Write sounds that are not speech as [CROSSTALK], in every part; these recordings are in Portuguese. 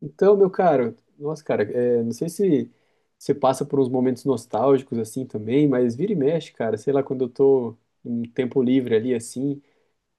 Então, meu caro, nossa, cara, é, não sei se você passa por uns momentos nostálgicos assim também, mas vira e mexe, cara, sei lá, quando eu tô um tempo livre ali assim,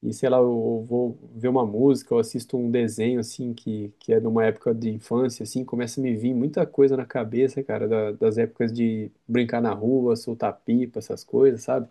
e sei lá, eu vou ver uma música, eu assisto um desenho assim que é de uma época de infância assim, começa a me vir muita coisa na cabeça, cara, das épocas de brincar na rua, soltar pipa, essas coisas, sabe?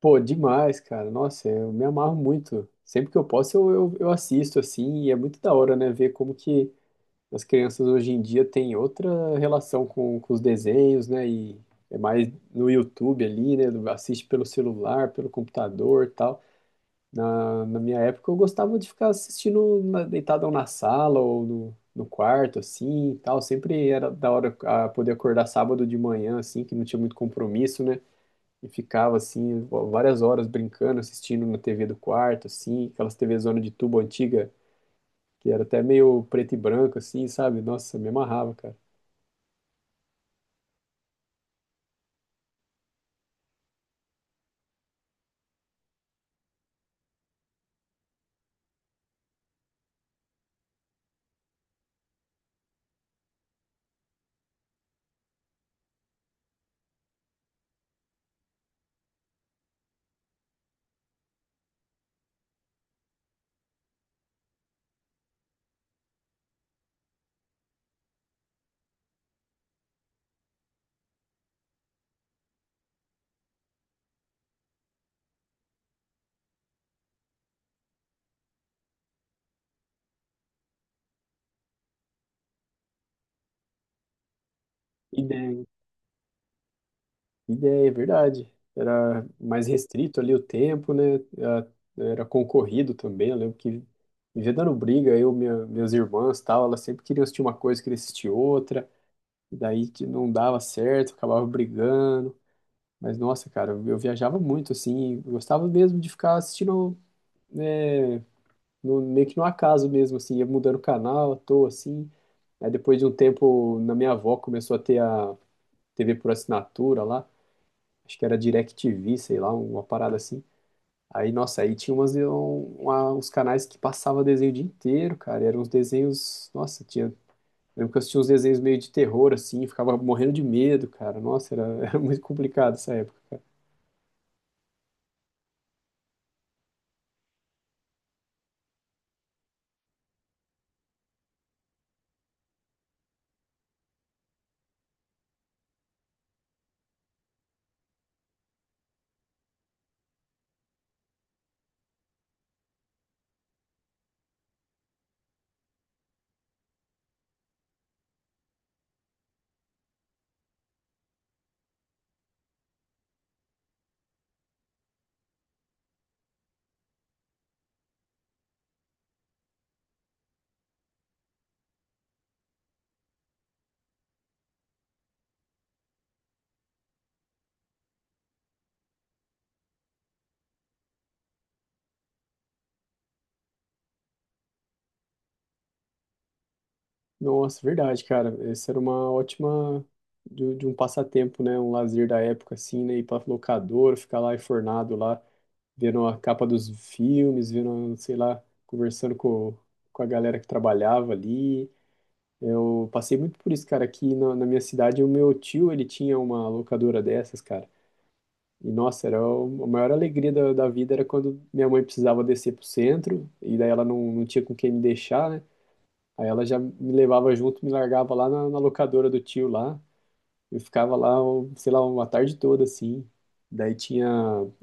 Pô, demais, cara. Nossa, eu me amarro muito. Sempre que eu posso, eu assisto, assim, e é muito da hora, né? Ver como que as crianças hoje em dia têm outra relação com os desenhos, né? E é mais no YouTube ali, né? Assiste pelo celular, pelo computador e tal. Na minha época eu gostava de ficar assistindo na, deitado na sala ou no quarto, assim, e tal. Sempre era da hora a poder acordar sábado de manhã, assim, que não tinha muito compromisso, né? E ficava, assim, várias horas brincando, assistindo na TV do quarto, assim, aquelas TV zona de tubo antiga que era até meio preto e branco, assim, sabe? Nossa, me amarrava, cara. Ideia. Ideia, é verdade. Era mais restrito ali o tempo, né? Era Era concorrido também. Eu lembro que vivia dando briga, eu, minhas irmãs, tal, elas sempre queriam assistir uma coisa, queriam assistir outra. E daí que não dava certo, acabava brigando. Mas nossa, cara, eu viajava muito assim, gostava mesmo de ficar assistindo, né, meio que no acaso mesmo, assim, ia mudando o canal, à toa, assim. Aí depois de um tempo, na minha avó começou a ter a TV por assinatura lá, acho que era DirecTV, sei lá, uma parada assim. Aí, nossa, aí tinha umas, uns canais que passava desenho o dia inteiro, cara, e eram uns desenhos, nossa, tinha, lembro que eu assistia uns desenhos meio de terror, assim, ficava morrendo de medo, cara, nossa, era, [LAUGHS] era muito complicado essa época. Nossa, verdade, cara. Essa era uma ótima de um passatempo, né? Um lazer da época, assim, né? Ir pra locadora, ficar lá enfornado lá, vendo a capa dos filmes, vendo, sei lá, conversando com a galera que trabalhava ali. Eu passei muito por isso, cara. Aqui na, na minha cidade, o meu tio, ele tinha uma locadora dessas, cara. E, nossa, era a maior alegria da, da vida era quando minha mãe precisava descer pro centro, e daí ela não tinha com quem me deixar, né? Aí ela já me levava junto, me largava lá na, na locadora do tio lá. Eu ficava lá, sei lá, uma tarde toda assim. Daí tinha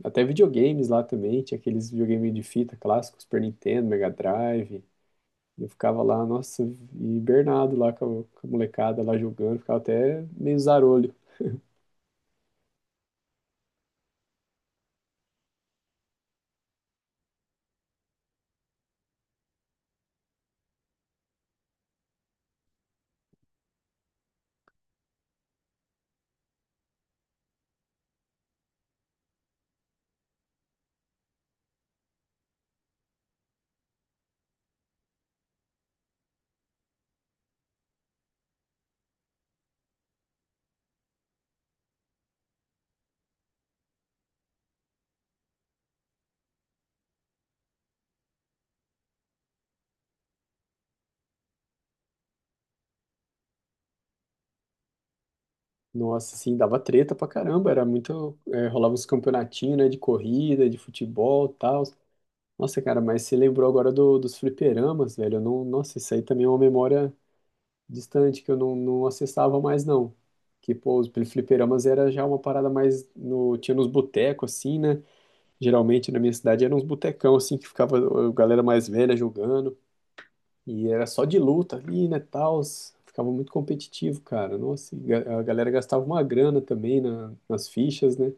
até videogames lá também, tinha aqueles videogames de fita clássicos, Super Nintendo, Mega Drive. Eu ficava lá, nossa, hibernado lá com a molecada lá jogando, ficava até meio zarolho. Nossa, assim, dava treta pra caramba, era muito. É, rolava uns campeonatinhos, né, de corrida, de futebol e tal. Nossa, cara, mas você lembrou agora do, dos fliperamas, velho? Eu não, nossa, isso aí também é uma memória distante que eu não, não acessava mais, não. Que, pô, os fliperamas era já uma parada mais no, tinha nos botecos, assim, né? Geralmente na minha cidade eram uns botecão, assim, que ficava a galera mais velha jogando. E era só de luta ali, né, tals. Ficava muito competitivo, cara. Nossa, e a galera gastava uma grana também na, nas fichas, né?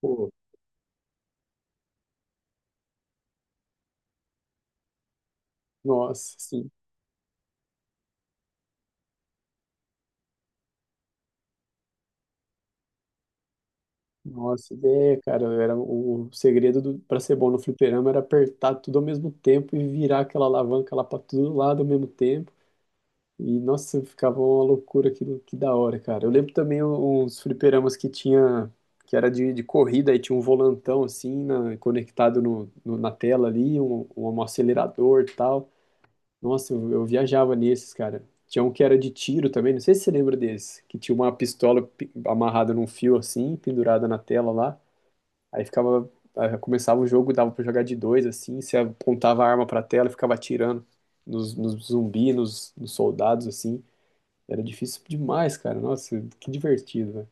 Pô, nossa, sim. Nossa, é cara, era o segredo do, para ser bom no fliperama era apertar tudo ao mesmo tempo e virar aquela alavanca lá para todo lado ao mesmo tempo. E, nossa, ficava uma loucura aquilo, que da hora, cara. Eu lembro também uns fliperamas que tinha, que era de corrida, e tinha um volantão, assim, conectado na tela ali, acelerador e tal. Nossa, eu viajava nesses, cara. Tinha um que era de tiro também, não sei se você lembra desse, que tinha uma pistola amarrada num fio, assim, pendurada na tela lá. Aí ficava, aí começava o jogo, dava pra jogar de dois, assim, você apontava a arma pra tela e ficava atirando nos, nos zumbis, nos, nos soldados, assim. Era difícil demais, cara. Nossa, que divertido, velho.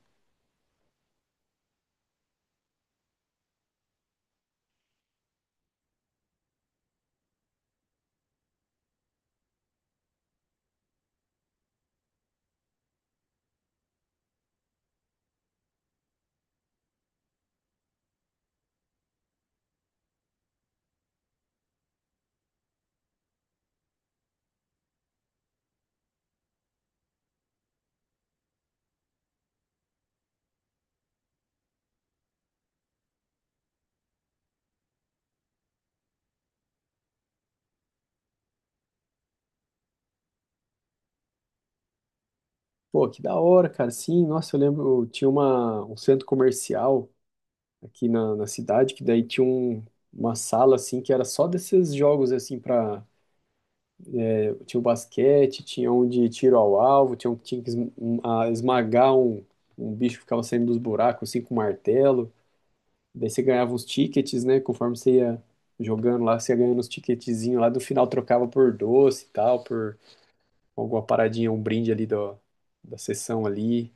Pô, que da hora, cara. Sim, nossa, eu lembro, eu tinha uma, um centro comercial aqui na, na cidade, que daí tinha um, uma sala, assim, que era só desses jogos, assim, pra... Tinha o basquete, tinha um de tiro ao alvo, tinha um que tinha que esmagar um, um bicho que ficava saindo dos buracos, assim, com martelo. Daí você ganhava uns tickets, né, conforme você ia jogando lá, você ia ganhando uns ticketzinhos lá, do final trocava por doce e tal, por alguma paradinha, um brinde ali do, da sessão ali.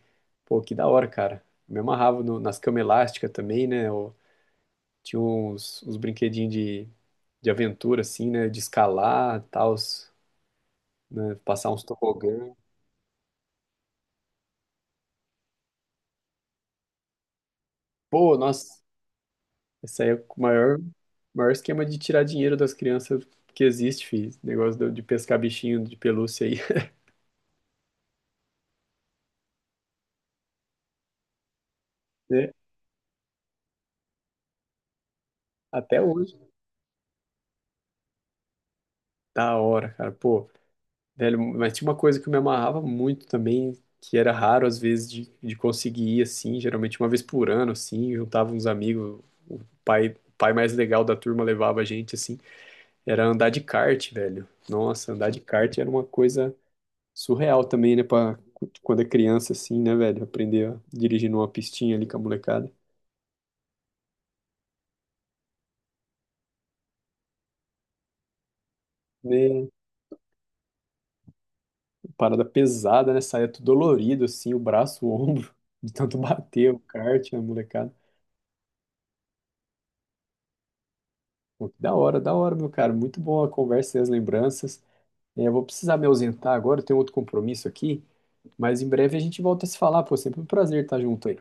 Pô, que da hora, cara. Me amarrava nas camas elásticas também, né? Eu tinha uns, uns brinquedinhos de aventura, assim, né? De escalar, tal, né? Passar uns tobogã. Pô, nossa, esse aí é o maior, maior esquema de tirar dinheiro das crianças que existe, filho. Esse negócio de pescar bichinho de pelúcia aí, [LAUGHS] né? Até hoje. Da hora, cara. Pô. Velho, mas tinha uma coisa que eu me amarrava muito também, que era raro às vezes de conseguir ir assim, geralmente uma vez por ano, assim, juntava uns amigos, o o pai mais legal da turma levava a gente assim, era andar de kart, velho. Nossa, andar de kart era uma coisa surreal também, né, pra, quando é criança assim, né, velho, aprender a dirigir numa pistinha ali com a molecada. Né, parada pesada, né, saía tudo dolorido assim, o braço, o ombro, [LAUGHS] de tanto bater o kart, a molecada. Pô, que da hora, da hora, meu cara. Muito bom a conversa e as lembranças. É, eu vou precisar me ausentar agora, eu tenho outro compromisso aqui, mas em breve a gente volta a se falar, pô. Sempre um prazer estar junto aí.